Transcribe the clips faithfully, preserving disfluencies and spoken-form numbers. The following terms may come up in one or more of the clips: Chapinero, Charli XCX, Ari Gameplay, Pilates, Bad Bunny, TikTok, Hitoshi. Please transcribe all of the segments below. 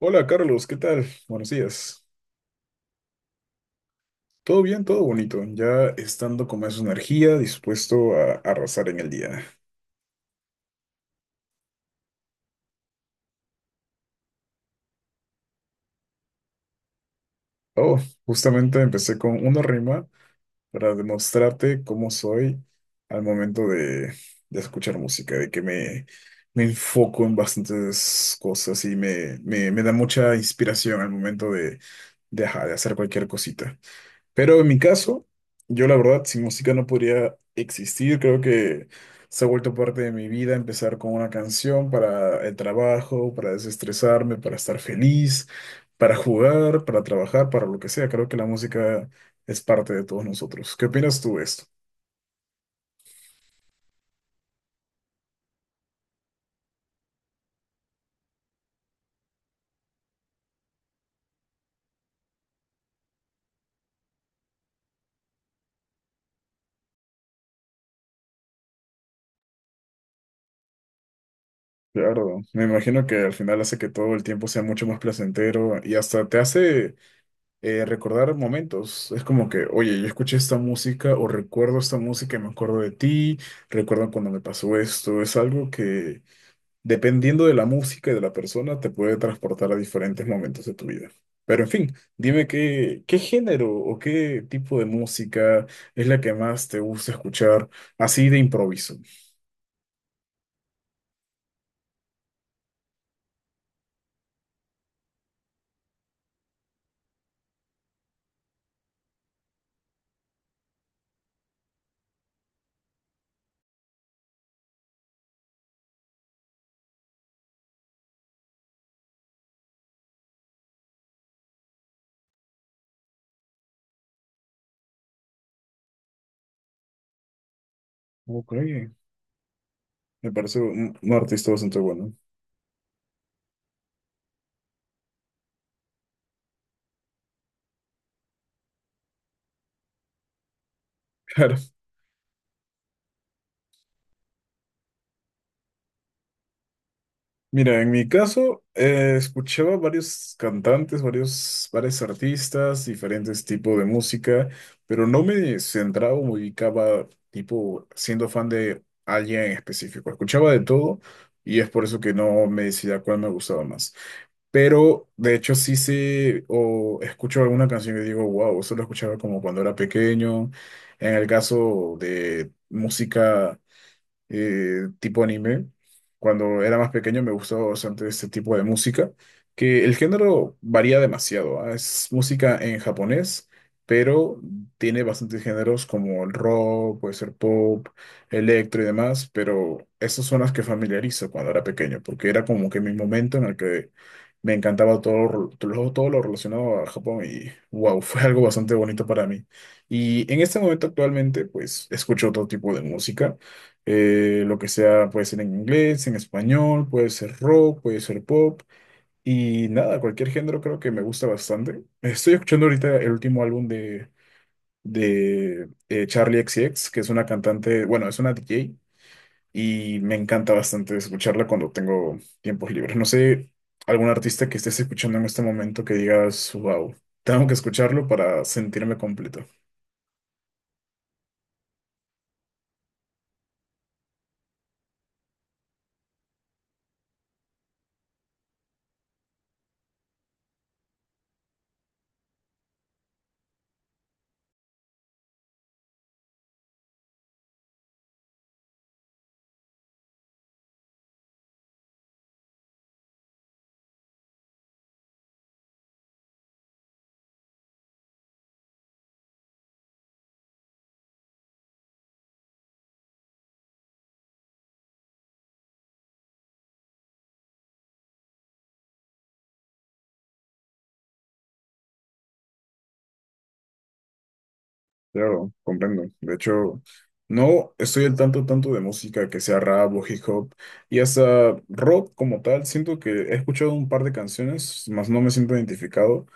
Hola Carlos, ¿qué tal? Buenos días. Todo bien, todo bonito. Ya estando con más energía, dispuesto a arrasar en el día. Oh, justamente empecé con una rima para demostrarte cómo soy al momento de, de escuchar música, de que me, me enfoco en bastantes cosas y me, me, me da mucha inspiración al momento de, de, ajá, de hacer cualquier cosita. Pero en mi caso, yo la verdad, sin música no podría existir. Creo que se ha vuelto parte de mi vida empezar con una canción para el trabajo, para desestresarme, para estar feliz, para jugar, para trabajar, para lo que sea. Creo que la música es parte de todos nosotros. ¿Qué opinas tú de esto? Claro, me imagino que al final hace que todo el tiempo sea mucho más placentero y hasta te hace eh, recordar momentos. Es como que, oye, yo escuché esta música o recuerdo esta música y me acuerdo de ti, recuerdo cuando me pasó esto. Es algo que, dependiendo de la música y de la persona, te puede transportar a diferentes momentos de tu vida. Pero en fin, dime qué, qué género o qué tipo de música es la que más te gusta escuchar así de improviso. Ok, me parece un, un artista bastante bueno. Mira, en mi caso, eh, escuchaba varios cantantes, varios, varios artistas, diferentes tipos de música, pero no me centraba o me ubicaba, tipo, siendo fan de alguien en específico. Escuchaba de todo y es por eso que no me decía cuál me gustaba más. Pero, de hecho, sí sé o escucho alguna canción y digo, wow, eso lo escuchaba como cuando era pequeño. En el caso de música eh, tipo anime. Cuando era más pequeño me gustaba bastante este tipo de música, que el género varía demasiado. ¿Ah? Es música en japonés, pero tiene bastantes géneros como el rock, puede ser pop, electro y demás, pero esas son las que familiarizo cuando era pequeño, porque era como que mi momento en el que me encantaba todo, todo, todo lo relacionado a Japón y wow, fue algo bastante bonito para mí. Y en este momento actualmente, pues escucho otro tipo de música eh, lo que sea, puede ser en inglés, en español, puede ser rock, puede ser pop y nada, cualquier género creo que me gusta bastante. Estoy escuchando ahorita el último álbum de, de eh, Charli X C X, que es una cantante, bueno, es una D J y me encanta bastante escucharla cuando tengo tiempos libres. No sé, algún artista que estés escuchando en este momento que digas, wow, tengo que escucharlo para sentirme completo. Claro, comprendo. De hecho, no estoy al tanto tanto de música que sea rap o hip hop y hasta rock como tal. Siento que he escuchado un par de canciones, más no me siento identificado,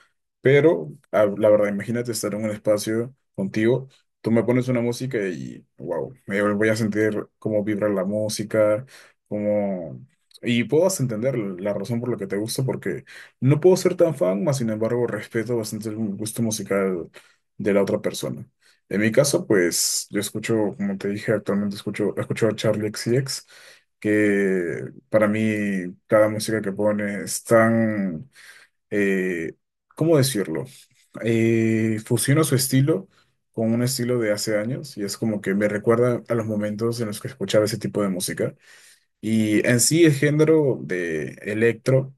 pero a- la verdad, imagínate estar en un espacio contigo, tú me pones una música y wow, me voy a sentir cómo vibra la música, cómo... Y puedo entender la razón por la que te gusta, porque no puedo ser tan fan, mas sin embargo respeto bastante el gusto musical de la otra persona. En mi caso, pues yo escucho, como te dije, actualmente escucho, escucho a Charlie X, C X, que para mí cada música que pone es tan, eh, ¿cómo decirlo? Eh, fusiona su estilo con un estilo de hace años y es como que me recuerda a los momentos en los que escuchaba ese tipo de música. Y en sí el género de electro,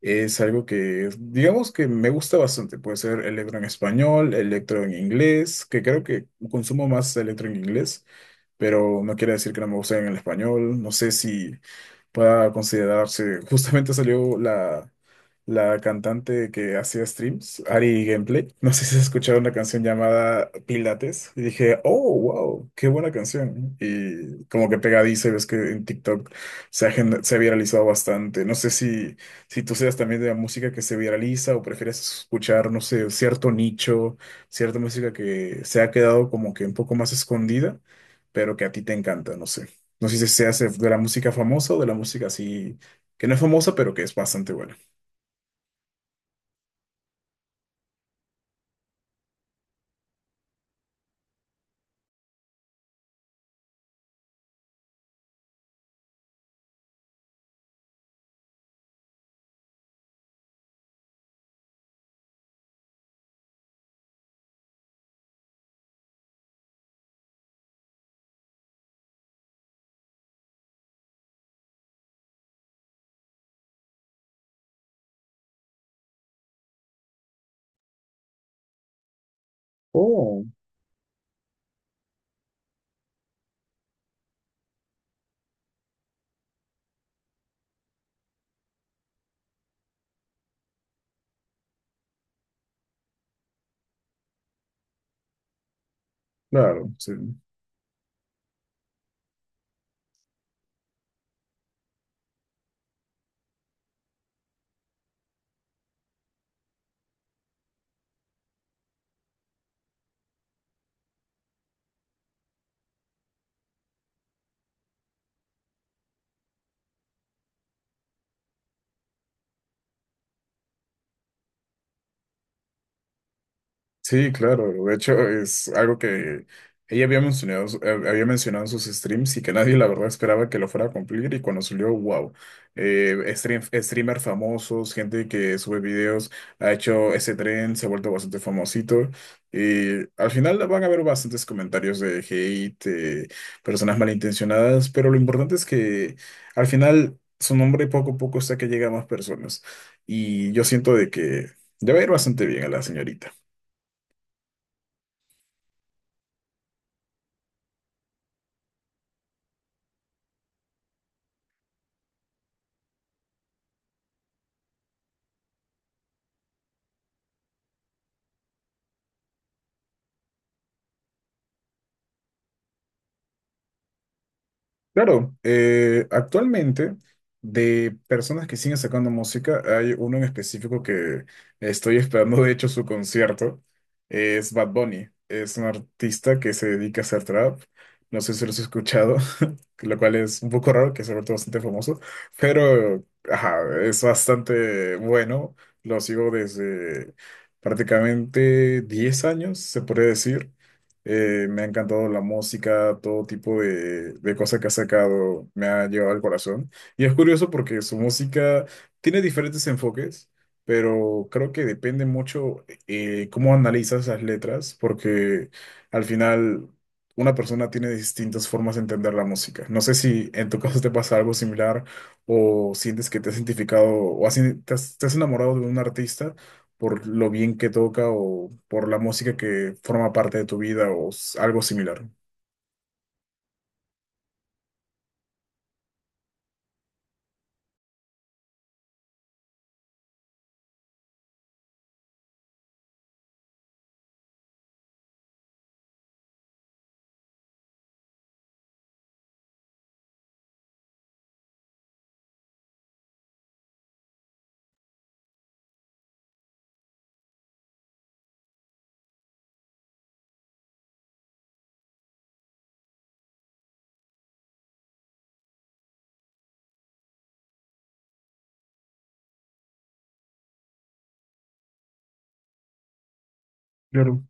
es algo que, digamos que me gusta bastante. Puede ser electro en español, electro en inglés, que creo que consumo más electro en inglés, pero no quiere decir que no me guste en el español. No sé si pueda considerarse. Justamente salió la, la cantante que hacía streams, Ari Gameplay. No sé si has escuchado una canción llamada Pilates. Y dije, oh, wow, qué buena canción, ¿no? Y como que pegadiza, y ves que en TikTok se ha, gen- se ha viralizado bastante. No sé si, si tú seas también de la música que se viraliza o prefieres escuchar, no sé, cierto nicho, cierta música que se ha quedado como que un poco más escondida, pero que a ti te encanta, no sé. No sé si se hace de la música famosa o de la música así, que no es famosa, pero que es bastante buena. Oh. Claro, sí. Sí, claro. De hecho, es algo que ella había mencionado, eh, había mencionado en sus streams y que nadie, la verdad, esperaba que lo fuera a cumplir. Y cuando salió, wow. Eh, stream- streamers famosos, gente que sube videos, ha hecho ese tren, se ha vuelto bastante famosito. Y al final van a haber bastantes comentarios de hate, eh, personas malintencionadas, pero lo importante es que al final su nombre poco a poco está que llega a más personas. Y yo siento de que ya va a ir bastante bien a la señorita. Claro, eh, actualmente de personas que siguen sacando música, hay uno en específico que estoy esperando, de hecho, su concierto. Es Bad Bunny. Es un artista que se dedica a hacer trap. No sé si lo has escuchado. Lo cual es un poco raro, que se ha vuelto bastante famoso, pero ajá, es bastante bueno. Lo sigo desde prácticamente diez años, se puede decir. Eh, me ha encantado la música, todo tipo de, de cosas que ha sacado, me ha llevado al corazón. Y es curioso porque su música tiene diferentes enfoques, pero creo que depende mucho eh, cómo analizas las letras, porque al final una persona tiene distintas formas de entender la música. No sé si en tu caso te pasa algo similar o sientes que te has identificado o has in- te has, te has enamorado de un artista por lo bien que toca o por la música que forma parte de tu vida o s- algo similar. Claro.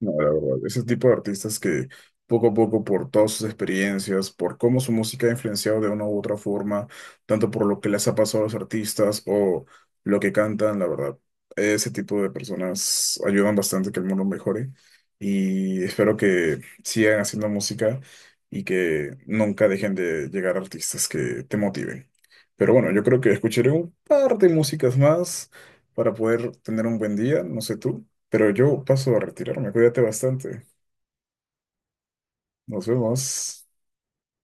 No, la verdad, ese tipo de artistas que poco a poco, por todas sus experiencias, por cómo su música ha influenciado de una u otra forma, tanto por lo que les ha pasado a los artistas o lo que cantan, la verdad, ese tipo de personas ayudan bastante a que el mundo mejore y espero que sigan haciendo música y que nunca dejen de llegar artistas que te motiven. Pero bueno, yo creo que escucharé un par de músicas más para poder tener un buen día, no sé tú. Pero yo paso a retirarme, cuídate bastante. Nos vemos.